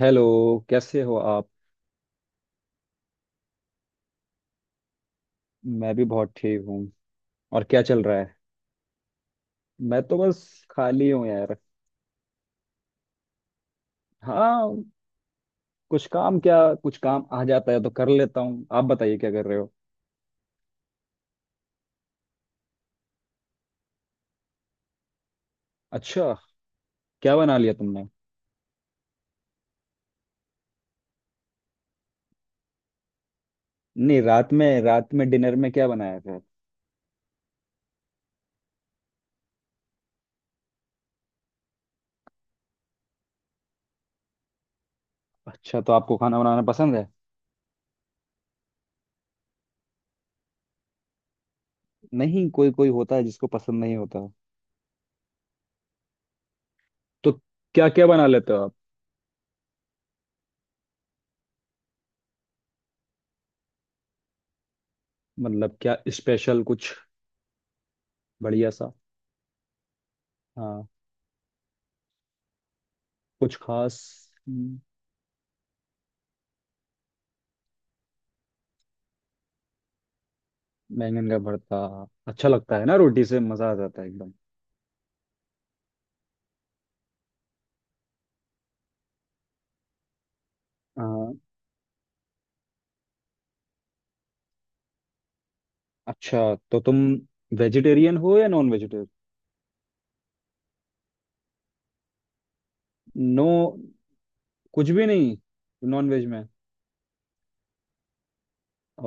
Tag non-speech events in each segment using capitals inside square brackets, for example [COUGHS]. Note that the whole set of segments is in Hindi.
हेलो। कैसे हो आप? मैं भी बहुत ठीक हूँ और क्या चल रहा है? मैं तो बस खाली हूँ यार। हाँ, कुछ काम क्या, कुछ काम आ जाता है तो कर लेता हूँ। आप बताइए क्या कर रहे हो? अच्छा, क्या बना लिया तुमने? नहीं, रात में डिनर में क्या बनाया था? अच्छा तो आपको खाना बनाना पसंद है? नहीं, कोई कोई होता है जिसको पसंद नहीं होता। तो क्या क्या बना लेते हो आप? मतलब क्या स्पेशल कुछ बढ़िया सा? हाँ, कुछ खास। हम्म। बैंगन का भरता अच्छा लगता है ना, रोटी से मजा आ जाता है एकदम। अ, अच्छा तो तुम वेजिटेरियन हो या नॉन वेजिटेरियन? नो, कुछ भी नहीं नॉन वेज में?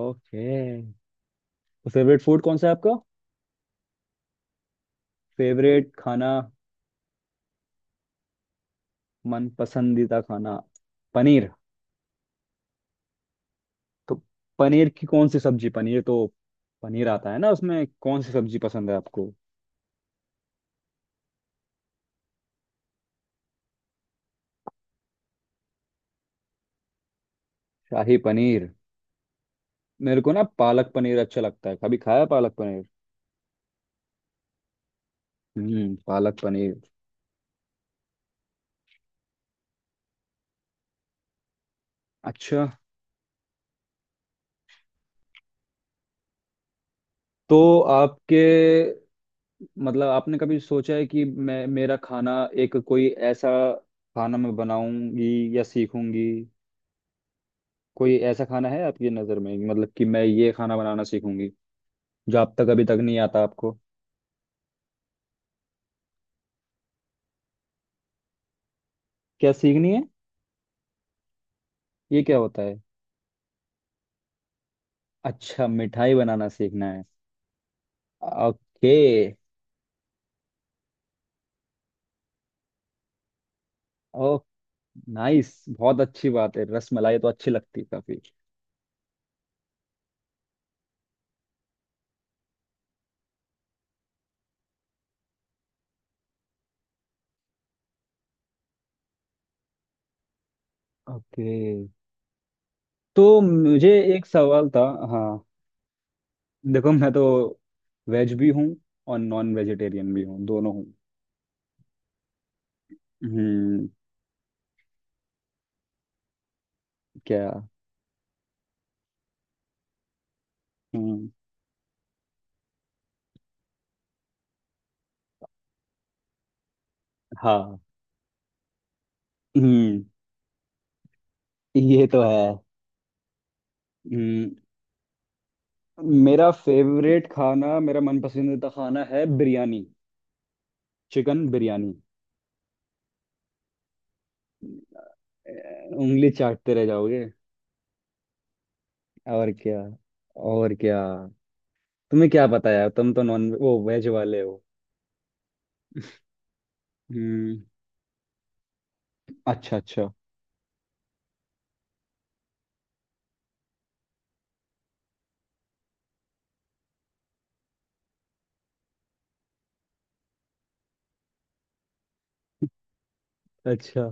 ओके, तो फेवरेट फूड कौन सा है आपका? फेवरेट खाना, मन पसंदीदा खाना? पनीर तो? पनीर की कौन सी सब्जी? पनीर तो पनीर आता है ना, उसमें कौन सी सब्जी पसंद है आपको? शाही पनीर। मेरे को ना पालक पनीर अच्छा लगता है, कभी खाया पालक पनीर? हम्म, पालक पनीर। अच्छा तो आपके, मतलब आपने कभी सोचा है कि मैं मेरा खाना, एक कोई ऐसा खाना मैं बनाऊंगी या सीखूंगी, कोई ऐसा खाना है आपकी नज़र में कि मतलब कि मैं ये खाना बनाना सीखूंगी, जो आप तक अभी तक नहीं आता आपको? क्या सीखनी है? ये क्या होता है? अच्छा, मिठाई बनाना सीखना है। ओके। ओ नाइस, बहुत अच्छी बात है, रसमलाई तो अच्छी लगती है काफी। ओके, तो मुझे एक सवाल था। हाँ, देखो मैं तो वेज भी हूँ और नॉन वेजिटेरियन भी हूँ, दोनों हूँ। हम्म। क्या? हम्म। हाँ। हम्म, ये तो है। हम्म। मेरा फेवरेट खाना, मेरा मन पसंदीदा खाना है बिरयानी, चिकन बिरयानी। अ, उंगली चाटते रह जाओगे। और क्या, और क्या। तुम्हें क्या पता यार, तुम तो नॉन वो वेज वाले हो। हम्म। अच्छा अच्छा अच्छा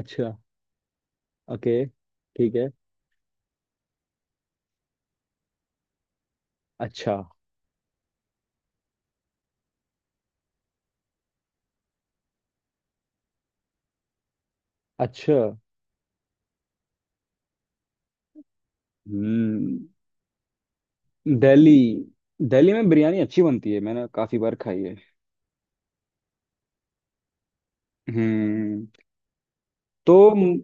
अच्छा। ओके ठीक है। अच्छा अच्छा। हम्म। दिल्ली दिल्ली में बिरयानी अच्छी बनती है, मैंने काफी बार खाई है। हम्म। तो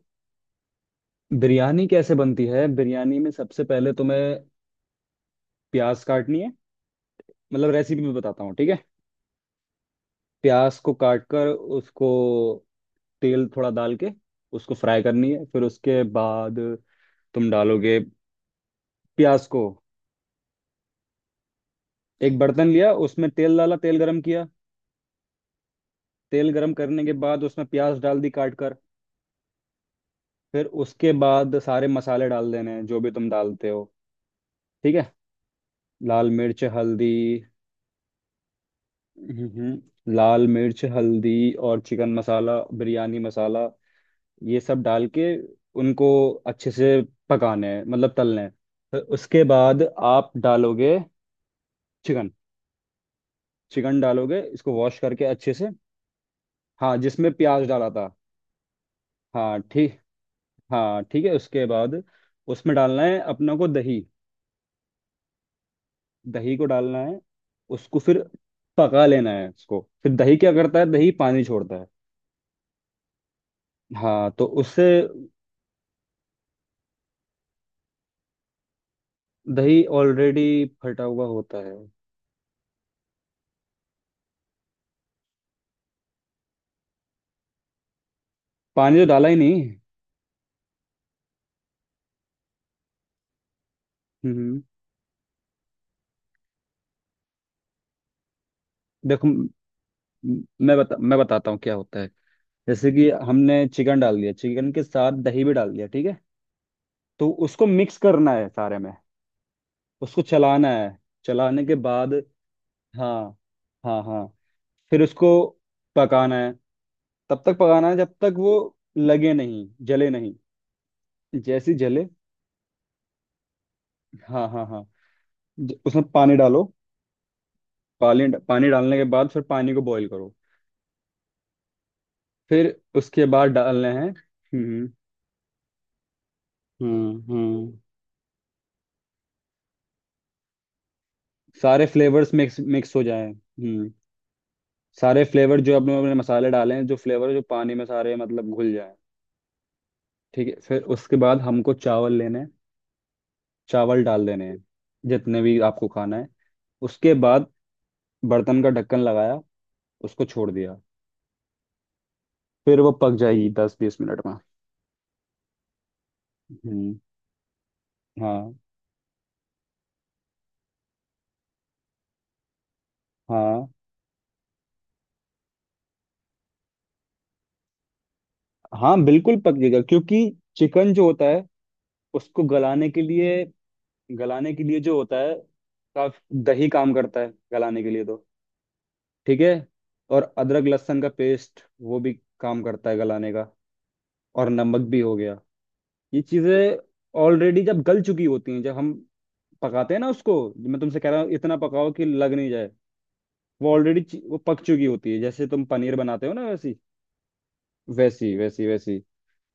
बिरयानी कैसे बनती है? बिरयानी में सबसे पहले तुम्हें प्याज काटनी है, मतलब रेसिपी में बताता हूँ, ठीक है? प्याज को काट कर उसको, तेल थोड़ा डाल के उसको फ्राई करनी है। फिर उसके बाद तुम डालोगे प्याज को। एक बर्तन लिया, उसमें तेल डाला, तेल गरम किया। तेल गरम करने के बाद उसमें प्याज डाल दी काट कर। फिर उसके बाद सारे मसाले डाल देने हैं जो भी तुम डालते हो। ठीक है, लाल मिर्च हल्दी। लाल मिर्च हल्दी और चिकन मसाला बिरयानी मसाला। ये सब डाल के उनको अच्छे से पकाने हैं, मतलब तलने हैं। फिर उसके बाद आप डालोगे चिकन। चिकन डालोगे इसको, वॉश करके अच्छे से। हाँ, जिसमें प्याज डाला था। हाँ ठीक, हाँ ठीक है। उसके बाद उसमें डालना है अपना को दही। दही को डालना है, उसको फिर पका लेना है। उसको फिर दही क्या करता है, दही पानी छोड़ता है। हाँ, तो उससे दही ऑलरेडी फटा हुआ होता है, पानी तो डाला ही नहीं। हम्म हम्म। देखो, मैं बताता हूँ क्या होता है। जैसे कि हमने चिकन डाल दिया, चिकन के साथ दही भी डाल दिया, ठीक है? तो उसको मिक्स करना है सारे में, उसको चलाना है। चलाने के बाद, हाँ हाँ हाँ, फिर उसको पकाना है। तब तक पकाना है जब तक वो लगे नहीं जले नहीं, जैसे ही जले, हाँ हाँ हाँ, उसमें पानी डालो। पानी पानी डालने के बाद फिर पानी को बॉईल करो। फिर उसके बाद डालने हैं। हम्म हम्म। सारे फ्लेवर्स मिक्स मिक्स हो जाए। हम्म। सारे फ्लेवर, जो अपने अपने मसाले डाले हैं, जो फ्लेवर जो पानी में सारे मतलब घुल जाए। ठीक है, फिर उसके बाद हमको चावल लेने हैं। चावल डाल देने हैं जितने भी आपको खाना है। उसके बाद बर्तन का ढक्कन लगाया, उसको छोड़ दिया। फिर वो पक जाएगी 10-20 मिनट में। हम्म। हाँ हाँ हाँ, बिल्कुल पक जाएगा, क्योंकि चिकन जो होता है उसको गलाने के लिए, गलाने के लिए जो होता है काफी दही काम करता है गलाने के लिए तो। ठीक है, और अदरक लहसुन का पेस्ट, वो भी काम करता है गलाने का। और नमक भी हो गया। ये चीजें ऑलरेडी जब गल चुकी होती हैं, जब हम पकाते हैं ना, उसको, मैं तुमसे कह रहा हूँ इतना पकाओ कि लग नहीं जाए। वो ऑलरेडी वो पक चुकी होती है, जैसे तुम पनीर बनाते हो ना, वैसी वैसी वैसी वैसी।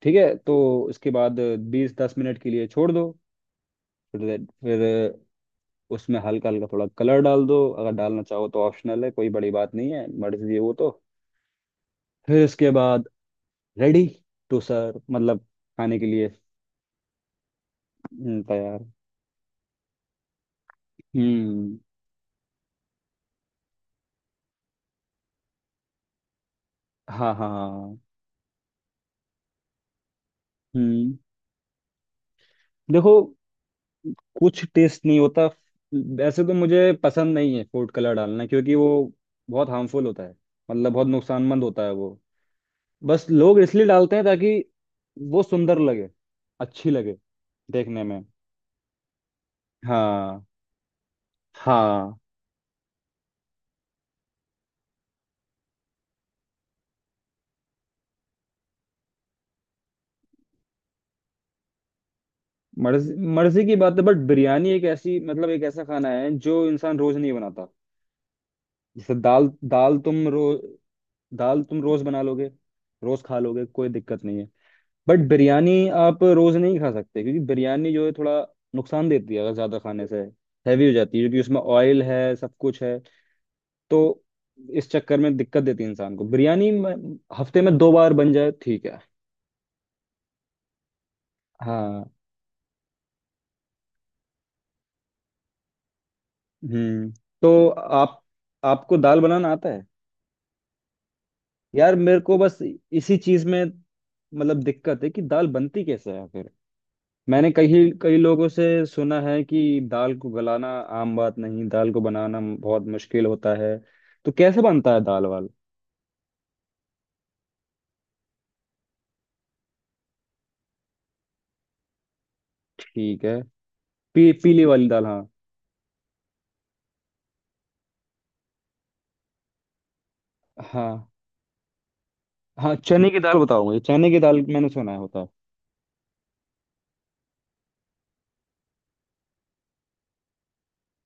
ठीक है, तो इसके बाद 20-10 मिनट के लिए छोड़ दो। फिर उसमें हल्का हल्का थोड़ा कलर डाल दो अगर डालना चाहो तो, ऑप्शनल है, कोई बड़ी बात नहीं है, मर्जी है वो तो। फिर इसके बाद रेडी टू सर्व, मतलब खाने के लिए। तैयार। हम्म। हाँ हाँ हाँ। हम्म। देखो, कुछ टेस्ट नहीं होता, वैसे तो मुझे पसंद नहीं है फूड कलर डालना क्योंकि वो बहुत हार्मफुल होता है, मतलब बहुत नुकसानमंद होता है वो। बस लोग इसलिए डालते हैं ताकि वो सुंदर लगे, अच्छी लगे देखने में। हाँ हाँ। मर्जी मर्जी की बात है, बट बिरयानी एक ऐसी, मतलब एक ऐसा खाना है जो इंसान रोज नहीं बनाता। जैसे दाल, दाल तुम रोज दाल तुम रोज बना लोगे, रोज खा लोगे, कोई दिक्कत नहीं है। बट बिरयानी आप रोज नहीं खा सकते क्योंकि बिरयानी जो है थोड़ा नुकसान देती है अगर ज्यादा खाने से, हैवी हो जाती है क्योंकि उसमें ऑयल है सब कुछ है। तो इस चक्कर में दिक्कत देती है इंसान को, हफ्ते में 2 बार बन जाए ठीक है। हाँ। हम्म। तो आप, आपको दाल बनाना आता है? यार मेरे को बस इसी चीज में मतलब दिक्कत है कि दाल बनती कैसे है। फिर मैंने कई कई लोगों से सुना है कि दाल को गलाना आम बात नहीं, दाल को बनाना बहुत मुश्किल होता है। तो कैसे बनता है दाल वाल? ठीक है, पीली वाली दाल हाँ। हाँ हाँ, चने की दाल बताओ मुझे, चने की दाल मैंने सुना है होता है।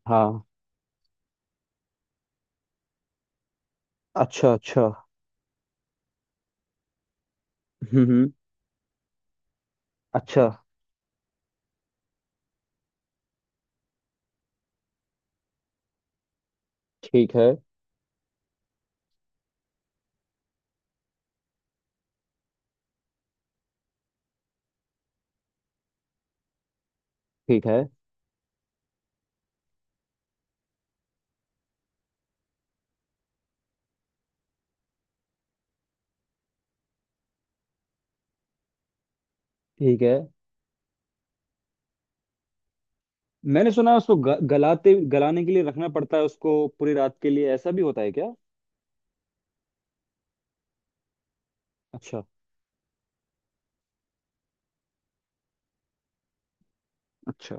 हाँ। अच्छा अच्छा। हम्म। अच्छा। ठीक है ठीक है ठीक है। मैंने सुना है उसको गलाते, गलाने के लिए रखना पड़ता है उसको पूरी रात के लिए, ऐसा भी होता है क्या? अच्छा अच्छा।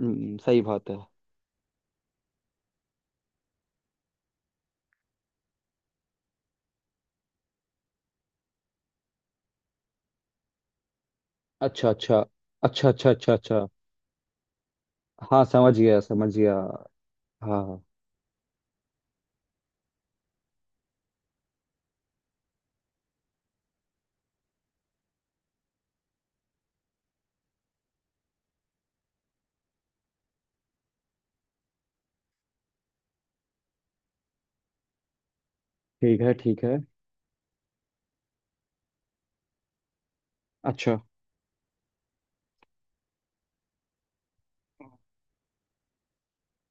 सही बात है। अच्छा अच्छा अच्छा अच्छा। अच्छा अच्छा। हाँ समझ गया समझ गया। हाँ हाँ। ठीक है ठीक है। अच्छा,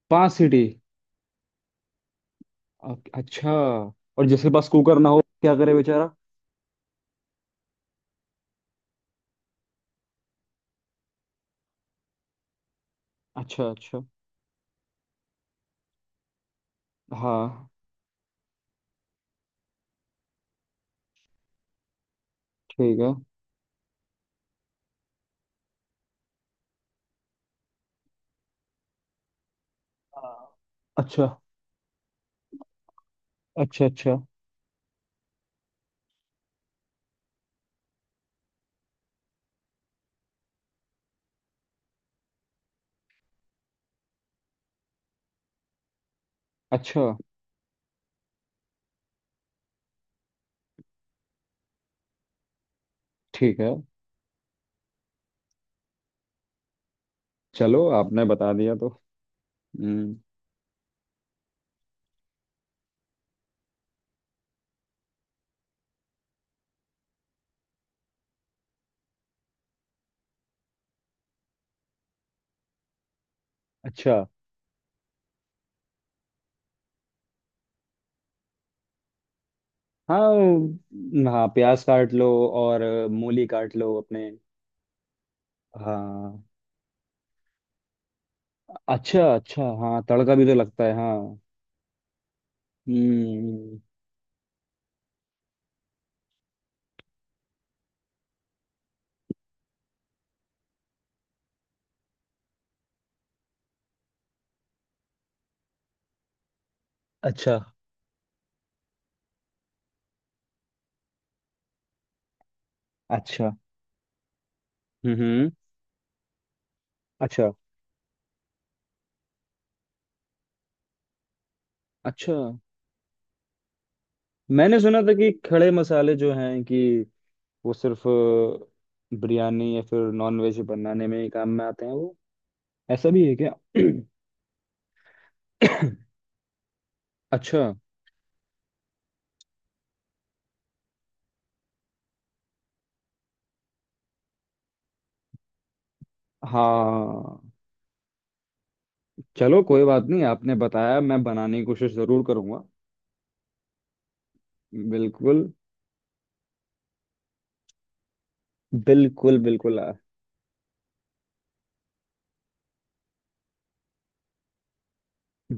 5 सीटी? अच्छा। और जिसके पास कुकर ना हो क्या करे बेचारा? अच्छा अच्छा। हाँ ठीक है। हाँ। अच्छा अच्छा अच्छा अच्छा। ठीक है। चलो आपने बता दिया तो। हम्म। अच्छा। हाँ, हाँ प्याज काट लो और मूली काट लो अपने। हाँ। अच्छा अच्छा, हाँ तड़का भी तो लगता है हाँ। हम्म। अच्छा अच्छा। हम्म हम्म, अच्छा अच्छा। मैंने सुना था कि खड़े मसाले जो हैं कि वो सिर्फ बिरयानी या फिर नॉनवेज बनाने में ही काम में आते हैं वो। ऐसा भी है क्या? [COUGHS] अच्छा। हाँ चलो कोई बात नहीं, आपने बताया, मैं बनाने की कोशिश जरूर करूंगा। बिल्कुल। बिल्कुल बिल्कुल।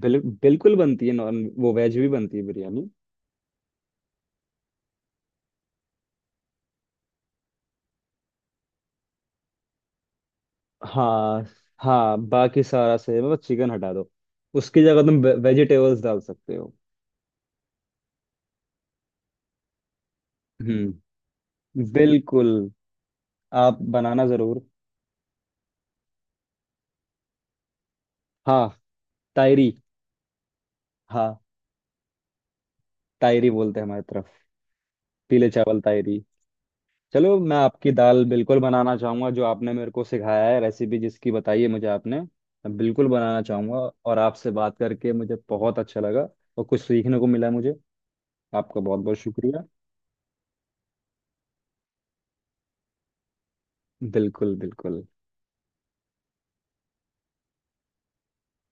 बिल्कुल बनती है, नॉन वो वेज भी बनती है बिरयानी। हाँ। हाँ, बाकी सारा सही है, मतलब चिकन हटा दो, उसकी जगह तुम वेजिटेबल्स डाल सकते हो। हम्म, बिल्कुल। आप बनाना जरूर। हाँ। तायरी। हाँ। तायरी बोलते हैं हमारी तरफ, पीले चावल तायरी। चलो मैं आपकी दाल बिल्कुल बनाना चाहूंगा जो आपने मेरे को सिखाया है, रेसिपी जिसकी बताई है मुझे आपने, मैं बिल्कुल बनाना चाहूंगा। और आपसे बात करके मुझे बहुत अच्छा लगा और कुछ सीखने को मिला मुझे। आपका बहुत बहुत शुक्रिया। बिल्कुल बिल्कुल।